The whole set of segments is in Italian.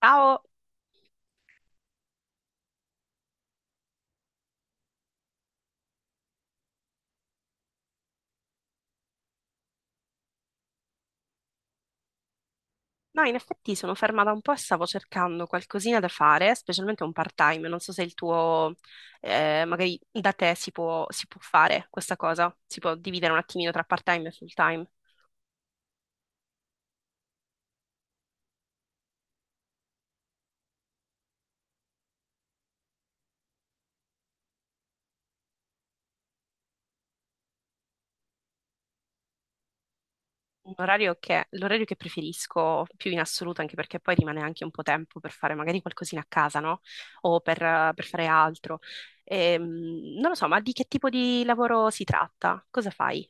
Ciao! No, in effetti sono fermata un po' e stavo cercando qualcosina da fare, specialmente un part-time. Non so se il tuo, magari da te si può fare questa cosa, si può dividere un attimino tra part-time e full-time. L'orario che preferisco più in assoluto, anche perché poi rimane anche un po' tempo per fare magari qualcosina a casa, no? O per, per fare altro. Non lo so, ma di che tipo di lavoro si tratta? Cosa fai?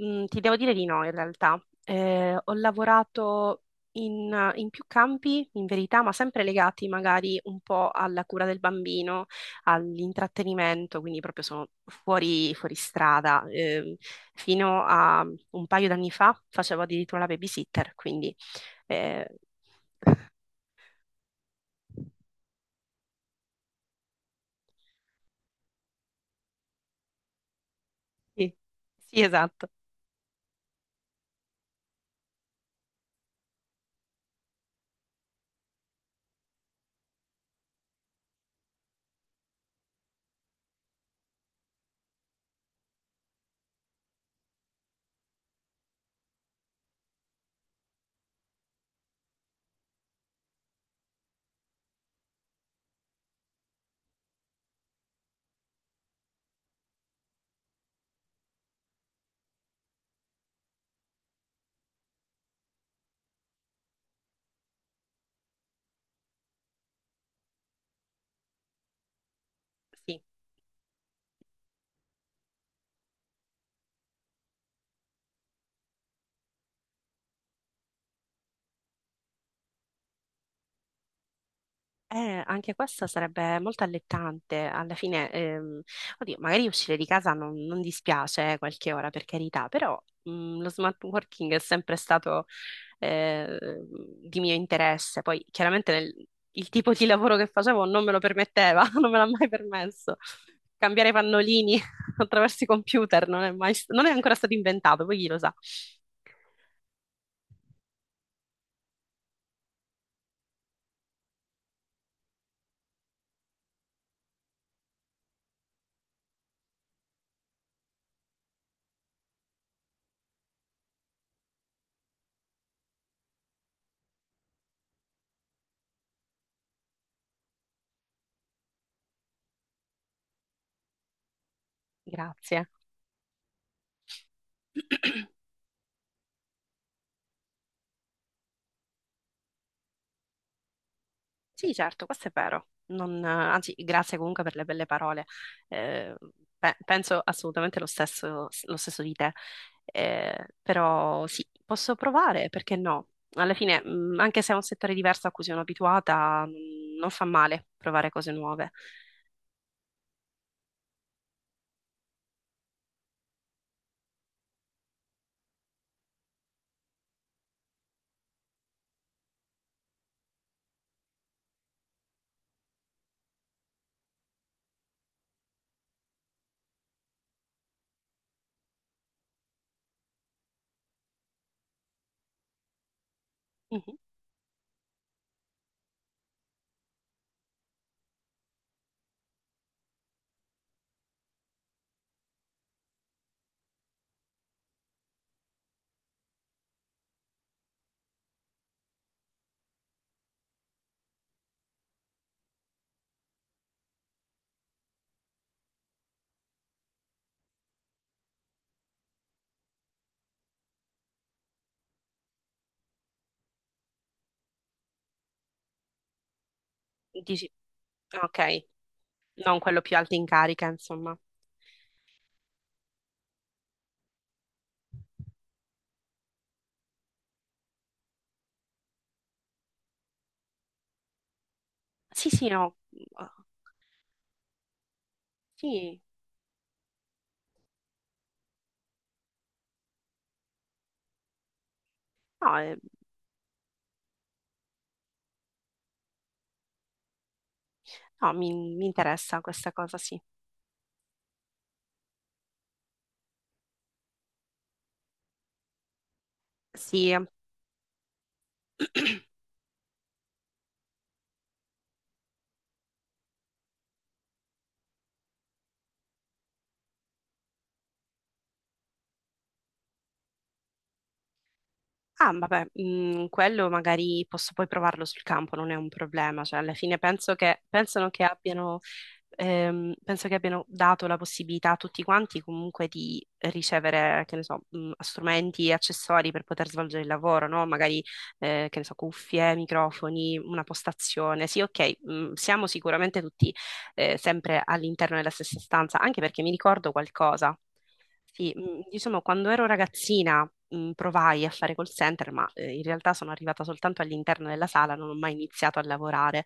Mm, ti devo dire di no, in realtà. Ho lavorato in più campi, in verità, ma sempre legati magari un po' alla cura del bambino, all'intrattenimento, quindi proprio sono fuori strada. Fino a un paio d'anni fa facevo addirittura la babysitter, quindi eh, sì, sì, esatto. Sì. Anche questa sarebbe molto allettante. Alla fine, oddio, magari uscire di casa non dispiace qualche ora, per carità, però lo smart working è sempre stato eh, di mio interesse. Poi, chiaramente, il tipo di lavoro che facevo non me lo permetteva, non me l'ha mai permesso. Cambiare pannolini attraverso i computer non è ancora stato inventato, poi chi lo sa. Grazie. Sì, certo, questo è vero. Anzi, grazie comunque per le belle parole. Eh, penso assolutamente lo stesso di te. Però sì, posso provare, perché no? Alla fine, anche se è un settore diverso a cui sono abituata, non fa male provare cose nuove. Mhm. Dici, ok, non quello più alto in carica, insomma. Sì, sì, no. Sì, no, no, mi interessa questa cosa, sì. Sì. Ah, vabbè, mm, quello magari posso poi provarlo sul campo, non è un problema. Cioè, alla fine pensano che abbiano, penso che abbiano dato la possibilità a tutti quanti comunque di ricevere, che ne so, mm, strumenti e accessori per poter svolgere il lavoro, no? Magari, che ne so, cuffie, microfoni, una postazione. Sì, ok, mm, siamo sicuramente tutti, sempre all'interno della stessa stanza, anche perché mi ricordo qualcosa. Sì, diciamo, quando ero ragazzina, provai a fare call center, ma in realtà sono arrivata soltanto all'interno della sala, non ho mai iniziato a lavorare.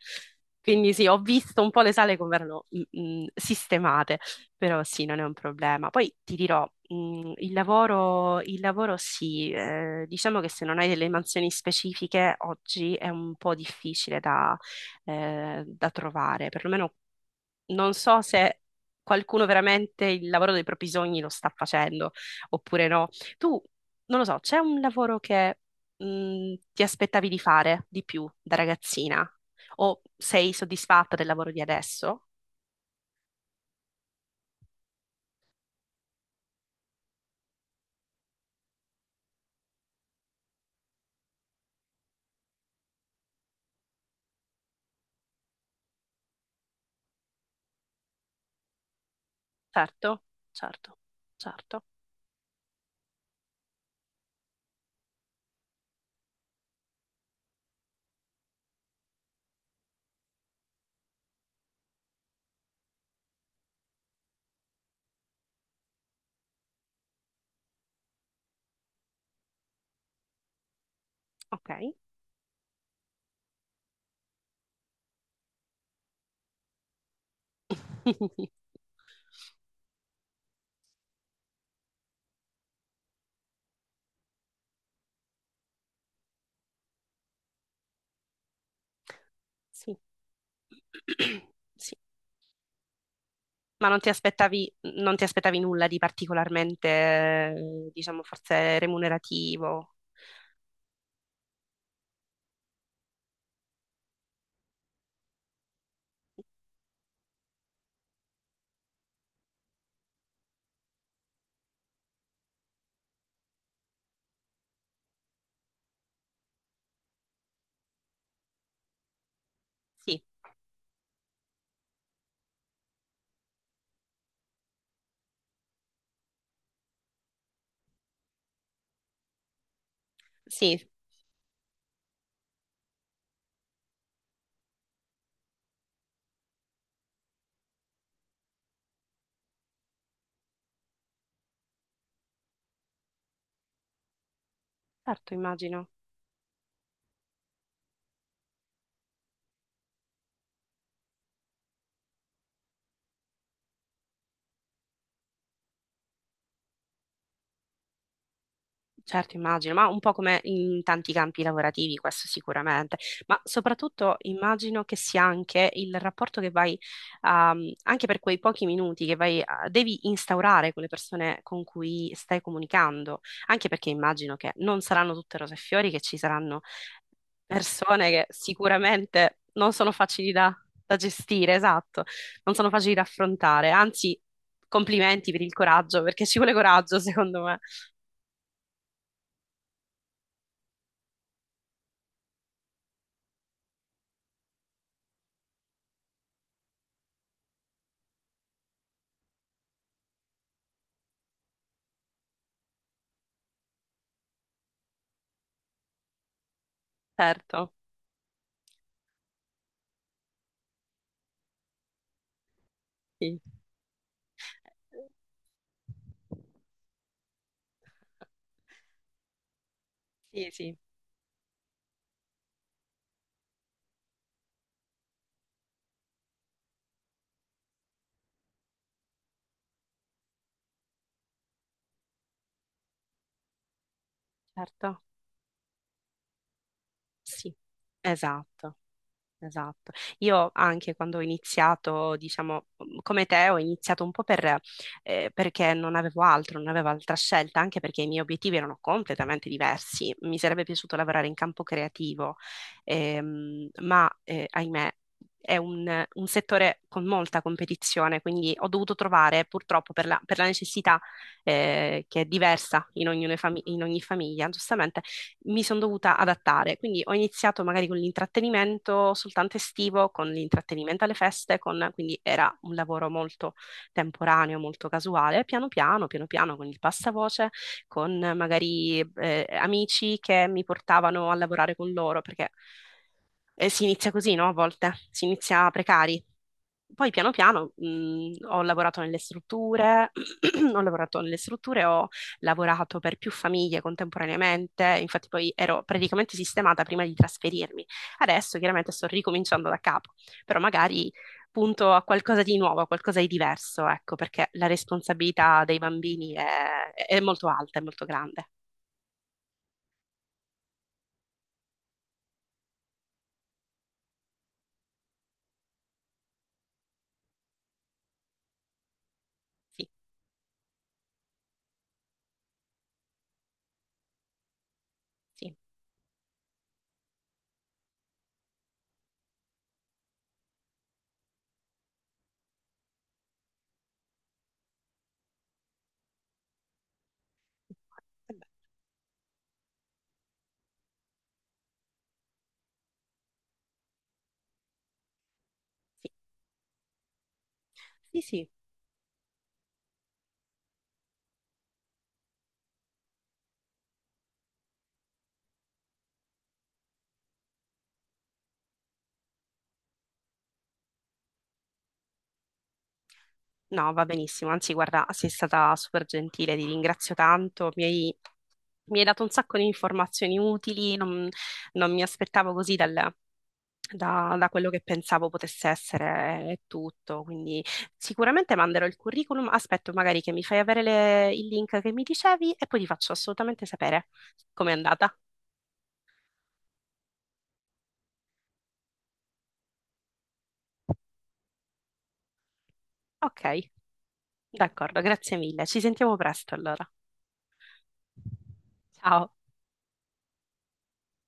Quindi sì, ho visto un po' le sale come erano sistemate, però sì, non è un problema. Poi ti dirò, il lavoro sì, diciamo che se non hai delle mansioni specifiche oggi è un po' difficile da, da trovare, perlomeno non so se qualcuno veramente il lavoro dei propri sogni lo sta facendo oppure no. Tu, non lo so, c'è un lavoro che ti aspettavi di fare di più da ragazzina? O sei soddisfatta del lavoro di adesso? Certo, certo, certo. Ok. Sì. Sì. Ma non ti aspettavi nulla di particolarmente, diciamo, forse remunerativo? Sì, sì. Certo, immagino, certo, immagino, ma un po' come in tanti campi lavorativi, questo sicuramente, ma soprattutto immagino che sia anche il rapporto che vai, anche per quei pochi minuti che vai, a- devi instaurare con le persone con cui stai comunicando, anche perché immagino che non saranno tutte rose e fiori, che ci saranno persone che sicuramente non sono facili da, da gestire, esatto, non sono facili da affrontare, anzi, complimenti per il coraggio, perché ci vuole coraggio, secondo me. Certo, sì. Sì, sì, certo, sì, esatto. Esatto. Io anche quando ho iniziato, diciamo, mhmm, come te, ho iniziato un po' per, perché non avevo altro, non avevo altra scelta, anche perché i miei obiettivi erano completamente diversi. Mi sarebbe piaciuto lavorare in campo creativo, ma ahimè è un settore con molta competizione, quindi ho dovuto trovare, purtroppo, per la necessità, che è diversa in ognuno in ogni famiglia, giustamente mi sono dovuta adattare. Quindi ho iniziato magari con l'intrattenimento soltanto estivo, con l'intrattenimento alle feste, quindi era un lavoro molto temporaneo, molto casuale. Piano piano, piano piano, con il passavoce, con magari amici che mi portavano a lavorare con loro, perché si inizia così, no? A volte si inizia precari. Poi piano piano ho lavorato nelle strutture, ho lavorato nelle strutture, ho lavorato per più famiglie contemporaneamente, infatti poi ero praticamente sistemata prima di trasferirmi. Adesso chiaramente sto ricominciando da capo, però magari punto a qualcosa di nuovo, a qualcosa di diverso, ecco, perché la responsabilità dei bambini è molto alta, è molto grande. Sì, sì. Eh beh. Sì, sì, sì. No, va benissimo, anzi guarda, sei stata super gentile, ti ringrazio tanto, mi hai dato un sacco di informazioni utili, non mi aspettavo così da, da quello che pensavo potesse essere tutto, quindi sicuramente manderò il curriculum, aspetto magari che mi fai avere il link che mi dicevi e poi ti faccio assolutamente sapere com'è andata. Ok, d'accordo, grazie mille, ci sentiamo presto allora. Ciao.